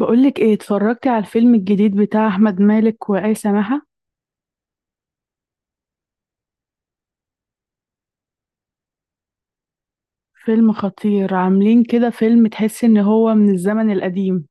بقولك ايه اتفرجتي على الفيلم الجديد بتاع احمد مالك وآية سماحة. فيلم خطير، عاملين كده فيلم تحس ان هو من الزمن القديم.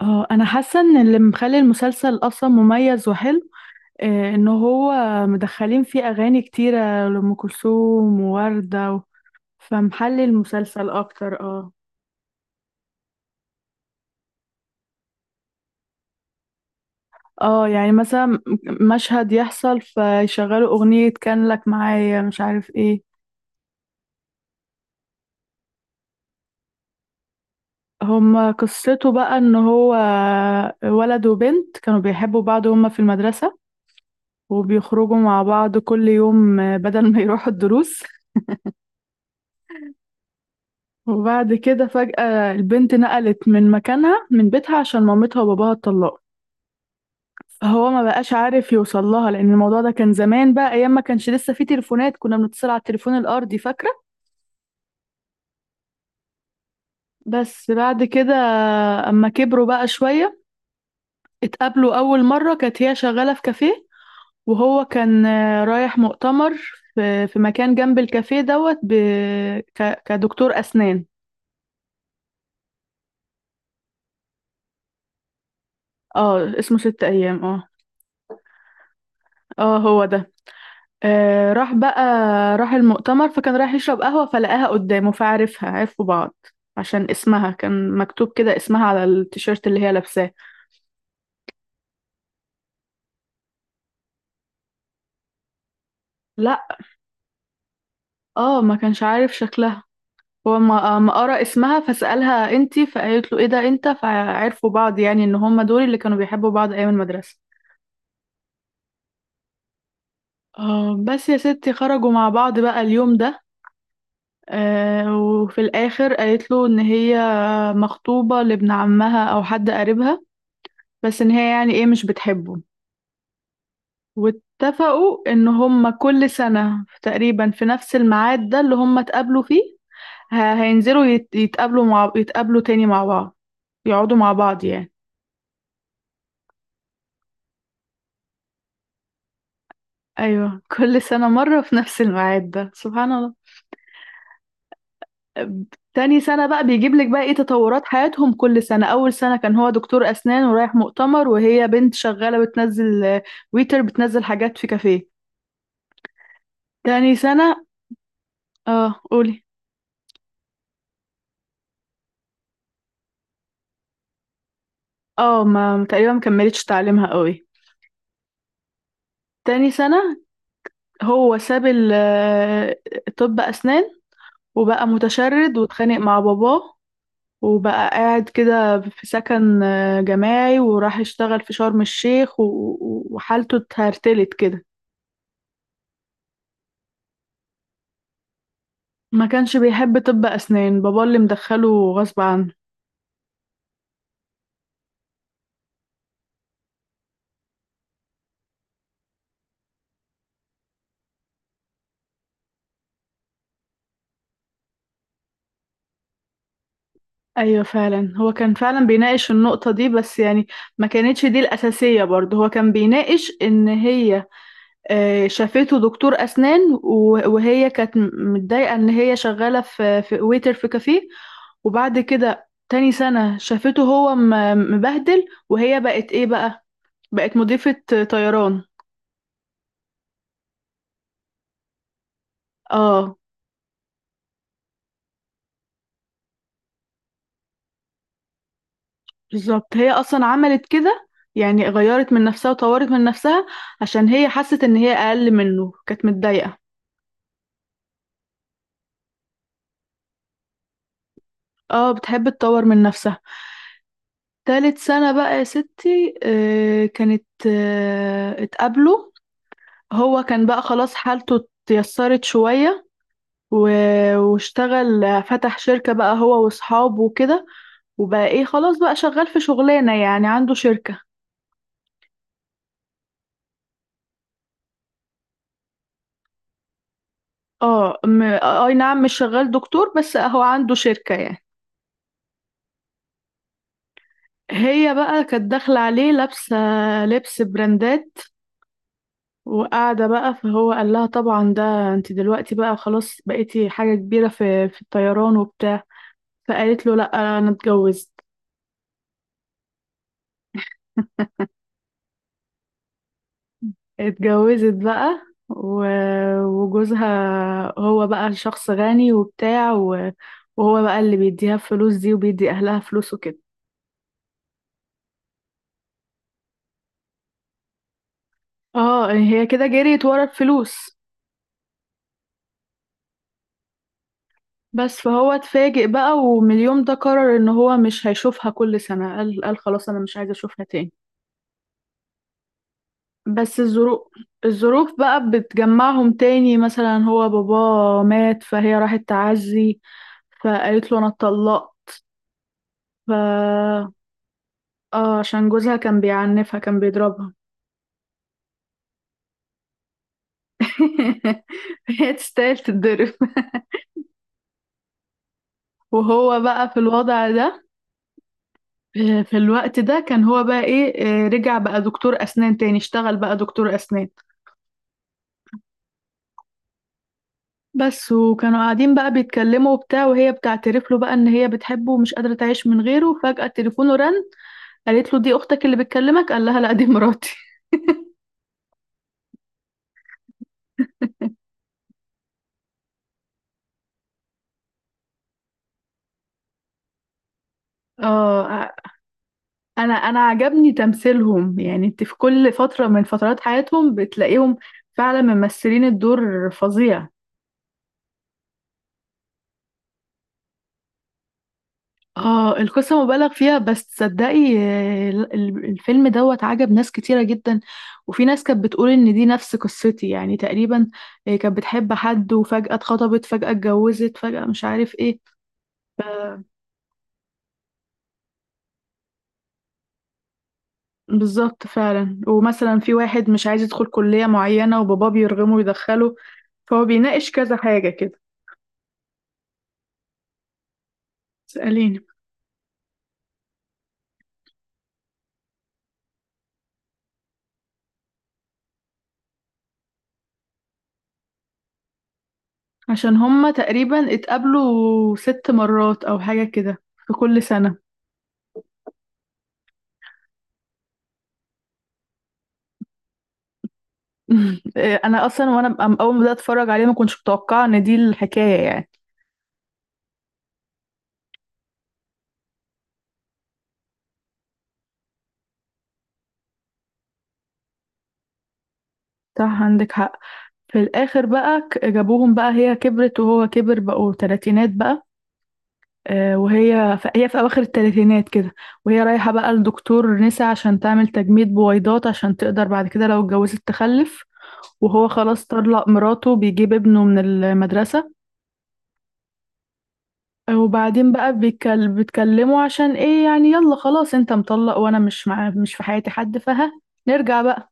اه انا حاسه ان اللي مخلي المسلسل اصلا مميز وحلو ان هو مدخلين فيه اغاني كتيره لام كلثوم ووردة فمحلي المسلسل اكتر اه يعني مثلا مشهد يحصل فيشغلوا اغنيه كان لك معايا مش عارف ايه. هما قصته بقى ان هو ولد وبنت كانوا بيحبوا بعض، هما في المدرسة وبيخرجوا مع بعض كل يوم بدل ما يروحوا الدروس. وبعد كده فجأة البنت نقلت من مكانها من بيتها عشان مامتها وباباها اتطلقوا، فهو ما بقاش عارف يوصل لها لان الموضوع ده كان زمان بقى، ايام ما كانش لسه في تليفونات، كنا بنتصل على التليفون الارضي فاكرة. بس بعد كده اما كبروا بقى شوية اتقابلوا اول مرة، كانت هي شغالة في كافيه وهو كان رايح مؤتمر في مكان جنب الكافيه كدكتور أسنان. اه اسمه ست أيام اه، اه هو ده. آه راح بقى، راح المؤتمر فكان رايح يشرب قهوة فلقاها قدامه فعرفها، عرفوا بعض عشان اسمها كان مكتوب كده، اسمها على التيشيرت اللي هي لابساه. لا اه ما كانش عارف شكلها، هو ما ما قرأ اسمها فسألها انتي، فقالت له ايه ده انت، فعرفوا بعض يعني ان هما دول اللي كانوا بيحبوا بعض ايام المدرسة. بس يا ستي خرجوا مع بعض بقى اليوم ده، وفي الآخر قالت له إن هي مخطوبة لابن عمها أو حد قريبها، بس إن هي يعني إيه مش بتحبه. واتفقوا إن هما كل سنة تقريبا في نفس الميعاد ده اللي هما اتقابلوا فيه هينزلوا يتقابلوا تاني مع بعض، يقعدوا مع بعض يعني. أيوة كل سنة مرة في نفس الميعاد ده سبحان الله. تاني سنة بقى بيجيب لك بقى ايه تطورات حياتهم كل سنة. أول سنة كان هو دكتور أسنان ورايح مؤتمر، وهي بنت شغالة بتنزل ويتر، بتنزل حاجات في كافيه. تاني سنة اه قولي، اه ما تقريبا مكملتش تعليمها قوي. تاني سنة هو ساب طب أسنان وبقى متشرد واتخانق مع باباه، وبقى قاعد كده في سكن جماعي، وراح يشتغل في شرم الشيخ وحالته اتهرتلت كده. ما كانش بيحب طب أسنان، بابا اللي مدخله غصب عنه. أيوة فعلا هو كان فعلا بيناقش النقطة دي بس يعني ما كانتش دي الأساسية، برضه هو كان بيناقش إن هي شافته دكتور أسنان وهي كانت متضايقة إن هي شغالة في في ويتر في كافيه. وبعد كده تاني سنة شافته هو مبهدل، وهي بقت إيه بقى؟ بقت مضيفة طيران. اه بالظبط هي اصلا عملت كده، يعني غيرت من نفسها وطورت من نفسها عشان هي حست ان هي اقل منه، كانت متضايقة. اه بتحب تطور من نفسها. تالت سنة بقى يا ستي آه كانت آه اتقابلوا، هو كان بقى خلاص حالته اتيسرت شوية واشتغل، فتح شركة بقى هو واصحابه وكده، وبقى ايه خلاص بقى شغال في شغلانة، يعني عنده شركة. اي نعم مش شغال دكتور بس هو عنده شركة يعني. هي بقى كانت داخلة عليه لابسة لبس براندات وقاعدة بقى، فهو قال لها طبعا ده انت دلوقتي بقى خلاص بقيتي حاجة كبيرة في الطيران وبتاع، فقالت له لا انا اتجوزت. اتجوزت بقى وجوزها هو بقى شخص غني وبتاع وهو بقى اللي بيديها الفلوس دي وبيدي اهلها فلوس وكده. اه هي كده جريت ورا الفلوس. بس فهو اتفاجئ بقى، ومن اليوم ده قرر ان هو مش هيشوفها كل سنة، قال خلاص انا مش عايز اشوفها تاني. بس الظروف، الظروف بقى بتجمعهم تاني، مثلا هو باباه مات فهي راحت تعزي، فقالت له انا اتطلقت. ف اه عشان جوزها كان بيعنفها، كان بيضربها. هي تستاهل تتضرب. وهو بقى في الوضع ده، في الوقت ده كان هو بقى ايه رجع بقى دكتور اسنان تاني، اشتغل بقى دكتور اسنان بس. وكانوا قاعدين بقى بيتكلموا وبتاع، وهي بتعترف له بقى ان هي بتحبه ومش قادرة تعيش من غيره. فجأة تليفونه رن، قالت له دي اختك اللي بتكلمك، قال لها لا دي مراتي. اه انا عجبني تمثيلهم، يعني انت في كل فترة من فترات حياتهم بتلاقيهم فعلا ممثلين الدور فظيع. اه القصة مبالغ فيها، بس تصدقي الفيلم دوت عجب ناس كتيرة جدا، وفي ناس كانت بتقول ان دي نفس قصتي يعني تقريبا، كانت بتحب حد وفجأة اتخطبت، فجأة اتجوزت، فجأة مش عارف ايه. ف- بالظبط فعلا، ومثلا في واحد مش عايز يدخل كلية معينة وباباه بيرغمه يدخله، فهو بيناقش كذا حاجة كده. اسأليني. عشان هما تقريبا اتقابلوا 6 مرات او حاجة كده في كل سنة. انا اصلا وانا اول ما بدات اتفرج عليه ما كنتش متوقعه ان دي الحكايه يعني. صح عندك حق. في الاخر بقى جابوهم بقى، هي كبرت وهو كبر، بقوا تلاتينات بقى، آه، وهي في هي في اواخر التلاتينات كده، وهي رايحه بقى لدكتور نسا عشان تعمل تجميد بويضات عشان تقدر بعد كده لو اتجوزت تخلف. وهو خلاص طلق مراته، بيجيب ابنه من المدرسه. وبعدين بقى بيتكلموا عشان ايه يعني، يلا خلاص انت مطلق وانا مش مع مش في حياتي حد، فها نرجع بقى.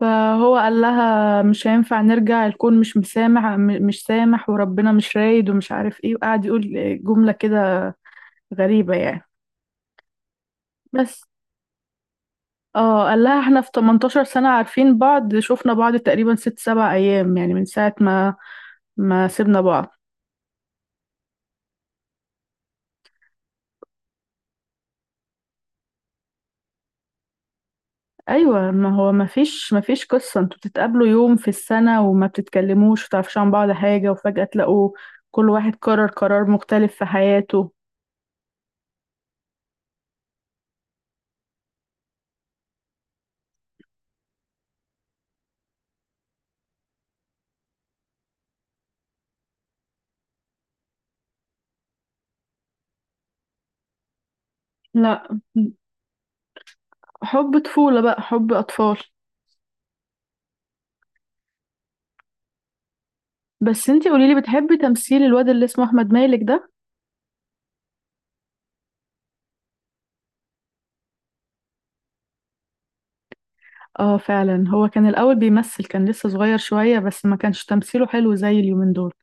فهو قال لها مش هينفع نرجع، الكون مش مسامح م- مش سامح، وربنا مش رايد ومش عارف ايه، وقعد يقول جملة كده غريبة يعني. بس اه قال لها احنا في 18 سنة عارفين بعض شفنا بعض تقريبا 6 7 ايام، يعني من ساعة ما ما سيبنا بعض. ايوه ما هو ما فيش قصة انتوا بتتقابلوا يوم في السنة وما بتتكلموش وتعرفش عن بعض حاجة، وفجأة تلاقوا كل واحد قرر قرار مختلف في حياته. لا حب طفولة بقى، حب أطفال. بس انتي قوليلي بتحبي تمثيل الواد اللي اسمه احمد مالك ده؟ اه فعلا هو كان الاول بيمثل، كان لسه صغير شوية بس ما كانش تمثيله حلو زي اليومين دول.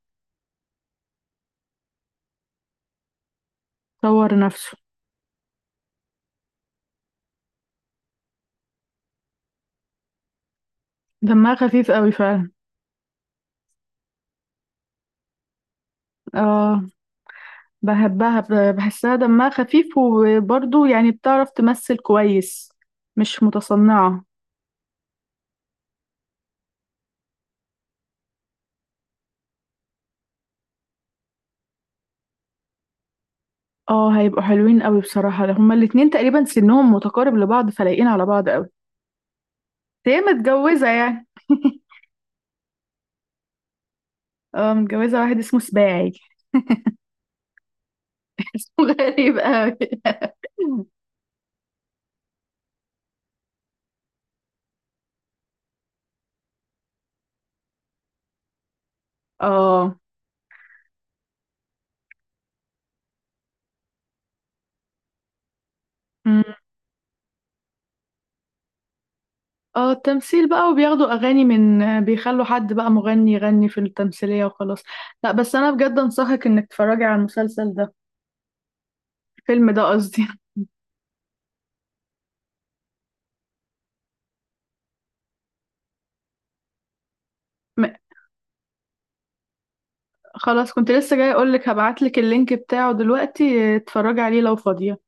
طور نفسه. دمها خفيف قوي فعلا. اه بحبها، بحسها دمها خفيف، وبرضه يعني بتعرف تمثل كويس، مش متصنعة. اه هيبقوا حلوين قوي بصراحة، هما الاتنين تقريبا سنهم متقارب لبعض فلايقين على بعض قوي. هي متجوزة يعني. اه متجوزة واحد اسمه سباعي. اسمه غريب قوي. اه مم. اه التمثيل بقى، وبياخدوا اغاني، من بيخلوا حد بقى مغني يغني في التمثيلية وخلاص. لا بس انا بجد انصحك انك تتفرجي على المسلسل ده، الفيلم ده قصدي. م- خلاص كنت لسه جاي اقولك هبعتلك اللينك بتاعه دلوقتي، اه، اتفرجي عليه لو فاضية.